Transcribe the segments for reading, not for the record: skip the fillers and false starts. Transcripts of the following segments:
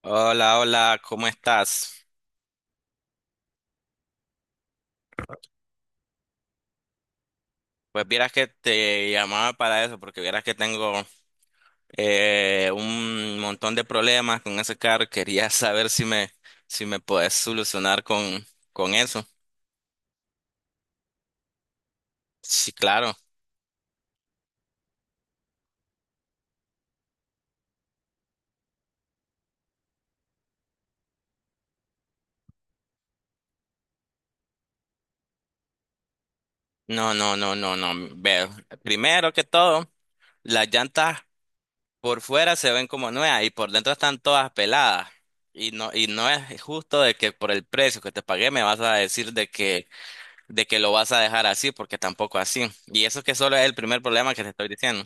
Hola, hola, ¿cómo estás? Pues vieras que te llamaba para eso, porque vieras que tengo un montón de problemas con ese carro. Quería saber si me puedes solucionar con eso. Sí, claro. No, no, no, no, no. Veo. Primero que todo, las llantas por fuera se ven como nuevas y por dentro están todas peladas. Y no es justo de que por el precio que te pagué me vas a decir de que lo vas a dejar así, porque tampoco así. Y eso que solo es el primer problema que te estoy diciendo.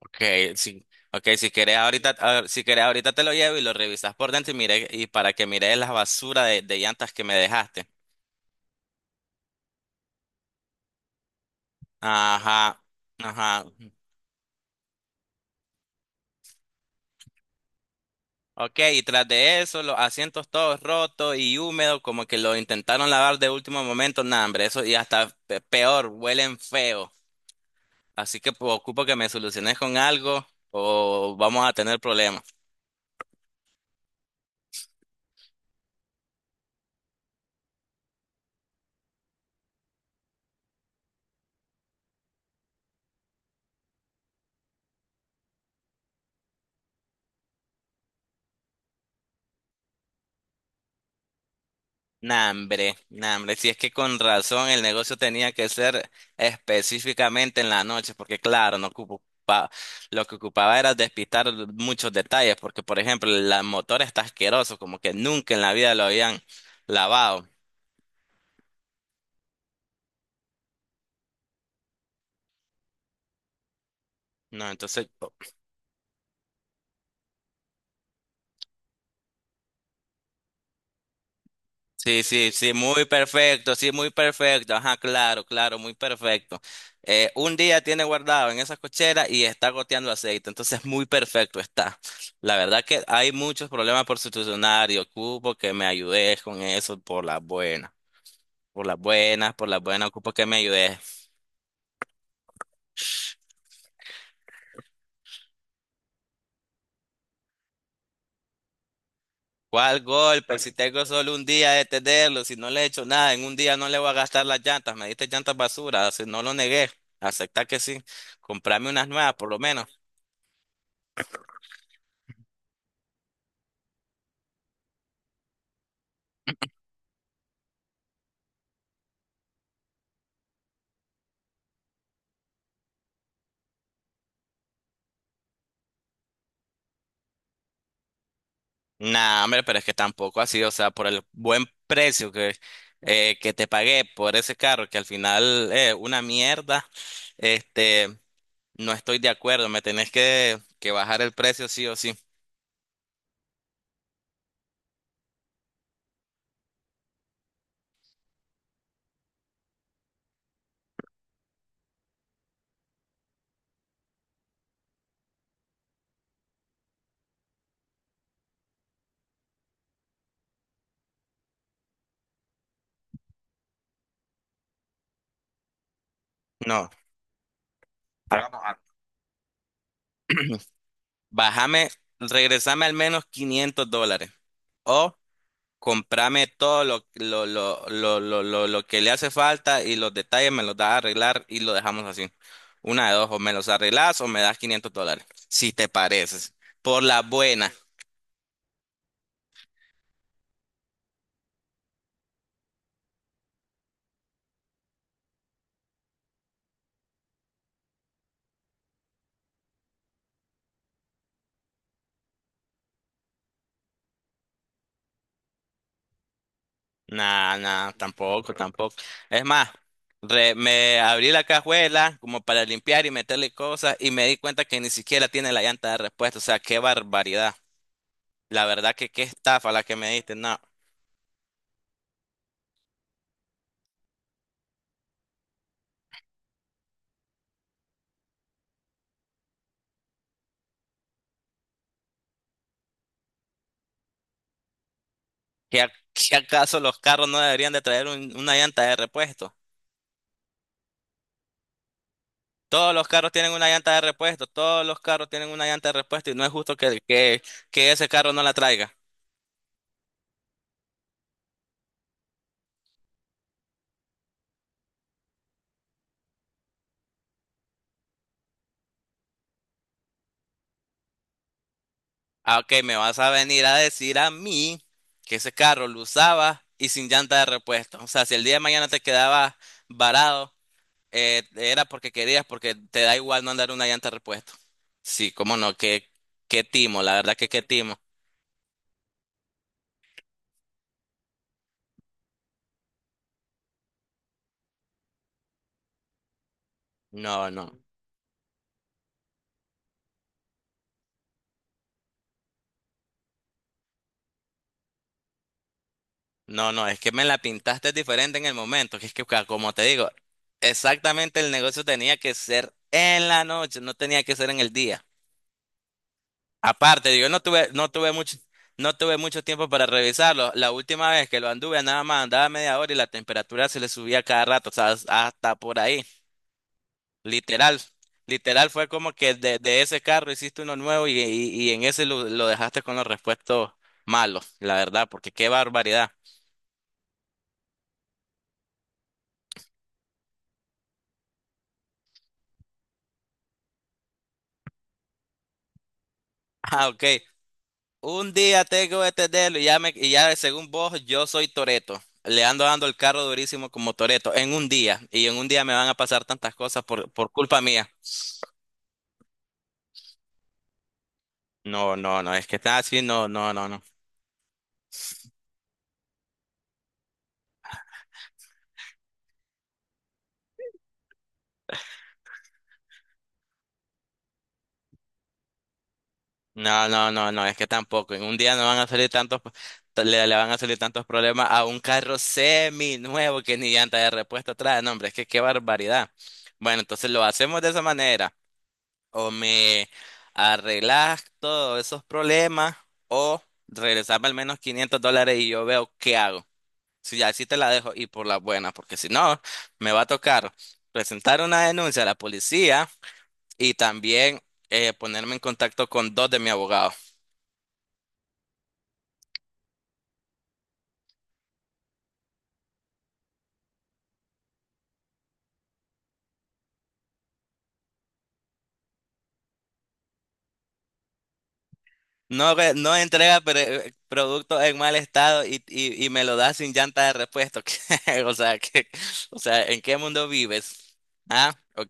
Okay, sí. Okay, si querés ahorita, si querés ahorita te lo llevo y lo revisas por dentro y mire, y para que mires la basura de llantas que me dejaste. Ajá, ajá. Okay, y tras de eso, los asientos todos rotos y húmedos, como que lo intentaron lavar de último momento, nah, hombre, eso y hasta peor, huelen feo. Así que pues, ocupo que me soluciones con algo o vamos a tener problemas. Nah, hombre, si es que con razón el negocio tenía que ser específicamente en la noche, porque claro, no ocupaba, lo que ocupaba era despistar muchos detalles, porque por ejemplo, el motor está asqueroso, como que nunca en la vida lo habían lavado. No, entonces sí, sí, sí, muy perfecto, sí, muy perfecto. Ajá, claro, claro, muy perfecto. Un día tiene guardado en esa cochera y está goteando aceite, entonces muy perfecto está. La verdad que hay muchos problemas por solucionar y ocupo que me ayudes con eso por las buenas, por las buenas, por las buenas, ocupo que me ayudes. ¿Cuál golpe? Si tengo solo un día de tenerlo, si no le he hecho nada, en un día no le voy a gastar las llantas, me diste llantas basura, si no lo negué, acepta que sí, comprame unas nuevas por lo menos. Nah, hombre, pero es que tampoco así, o sea, por el buen precio que te pagué por ese carro, que al final es una mierda, este, no estoy de acuerdo, me tenés que bajar el precio sí o sí. No, hagamos algo. Bájame, regresame al menos $500. Comprame todo lo que le hace falta y los detalles me los das a arreglar y lo dejamos así. Una de dos, o me los arreglas o me das $500, si te pareces. Por la buena. Nah, nah, tampoco, tampoco. Es más, me abrí la cajuela como para limpiar y meterle cosas y me di cuenta que ni siquiera tiene la llanta de repuesto. O sea, qué barbaridad. La verdad que qué estafa la que me diste. No, ¿qué acaso los carros no deberían de traer una llanta de repuesto? Todos los carros tienen una llanta de repuesto, todos los carros tienen una llanta de repuesto y no es justo que ese carro no la traiga. Ah, ok, me vas a venir a decir a mí que ese carro lo usaba y sin llanta de repuesto. O sea, si el día de mañana te quedabas varado, era porque querías, porque te da igual no andar una llanta de repuesto. Sí, cómo no, qué timo, la verdad que qué timo. No, no. No, no, es que me la pintaste diferente en el momento, que es que como te digo, exactamente el negocio tenía que ser en la noche, no tenía que ser en el día. Aparte, yo no tuve, no tuve mucho, no tuve mucho tiempo para revisarlo. La última vez que lo anduve, nada más andaba media hora y la temperatura se le subía cada rato, o sea, hasta por ahí. Literal, literal fue como que de ese carro hiciste uno nuevo y en ese lo dejaste con los repuestos malos, la verdad, porque qué barbaridad. Ah, ok. Un día tengo este dedo y ya, y ya según vos, yo soy Toreto. Le ando dando el carro durísimo como Toreto en un día. Y en un día me van a pasar tantas cosas por culpa mía. No, no, no, es que está así, no, no, no, no. No, no, no, no, es que tampoco. En un día no van a salir le van a salir tantos problemas a un carro semi nuevo que ni llanta de repuesto trae. No, hombre, es que qué barbaridad. Bueno, entonces lo hacemos de esa manera. O me arreglas todos esos problemas o regresarme al menos $500 y yo veo qué hago. Si ya así te la dejo y por la buena, porque si no, me va a tocar presentar una denuncia a la policía y también ponerme en contacto con dos de mi abogado. No, no entrega producto en mal estado y, me lo da sin llanta de repuesto. O sea, o sea, ¿en qué mundo vives? ¿Ah?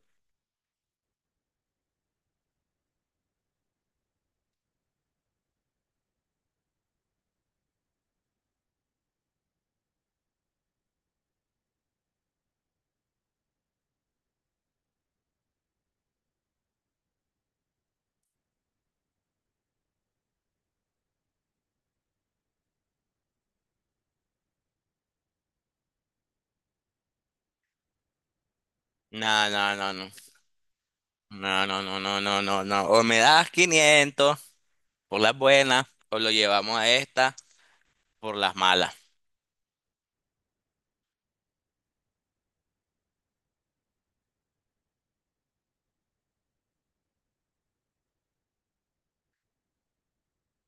No, no, no, no. No, no, no, no, no, no, no. O me das 500 por las buenas, o lo llevamos a esta por las malas.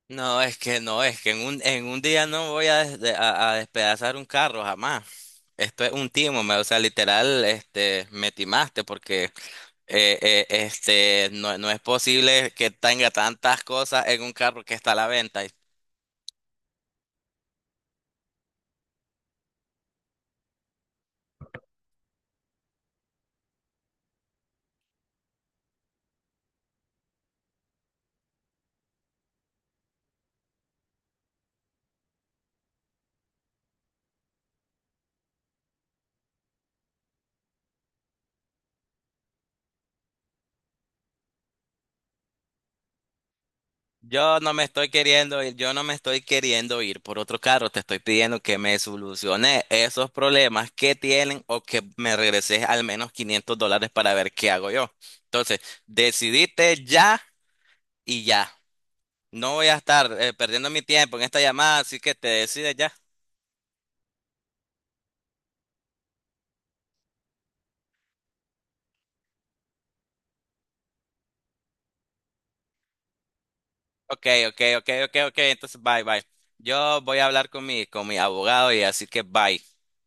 No, es que no, es que en un día no voy a, a despedazar un carro jamás. Esto es un timo, o sea, literal, me timaste porque no, no es posible que tenga tantas cosas en un carro que está a la venta. Yo no me estoy queriendo ir, yo no me estoy queriendo ir por otro carro, te estoy pidiendo que me soluciones esos problemas que tienen o que me regreses al menos $500 para ver qué hago yo. Entonces, decidite ya y ya. No voy a estar perdiendo mi tiempo en esta llamada, así que te decides ya. Ok, ok, ok, ok, ok, entonces bye, bye. Yo voy a hablar con mi abogado y así que bye.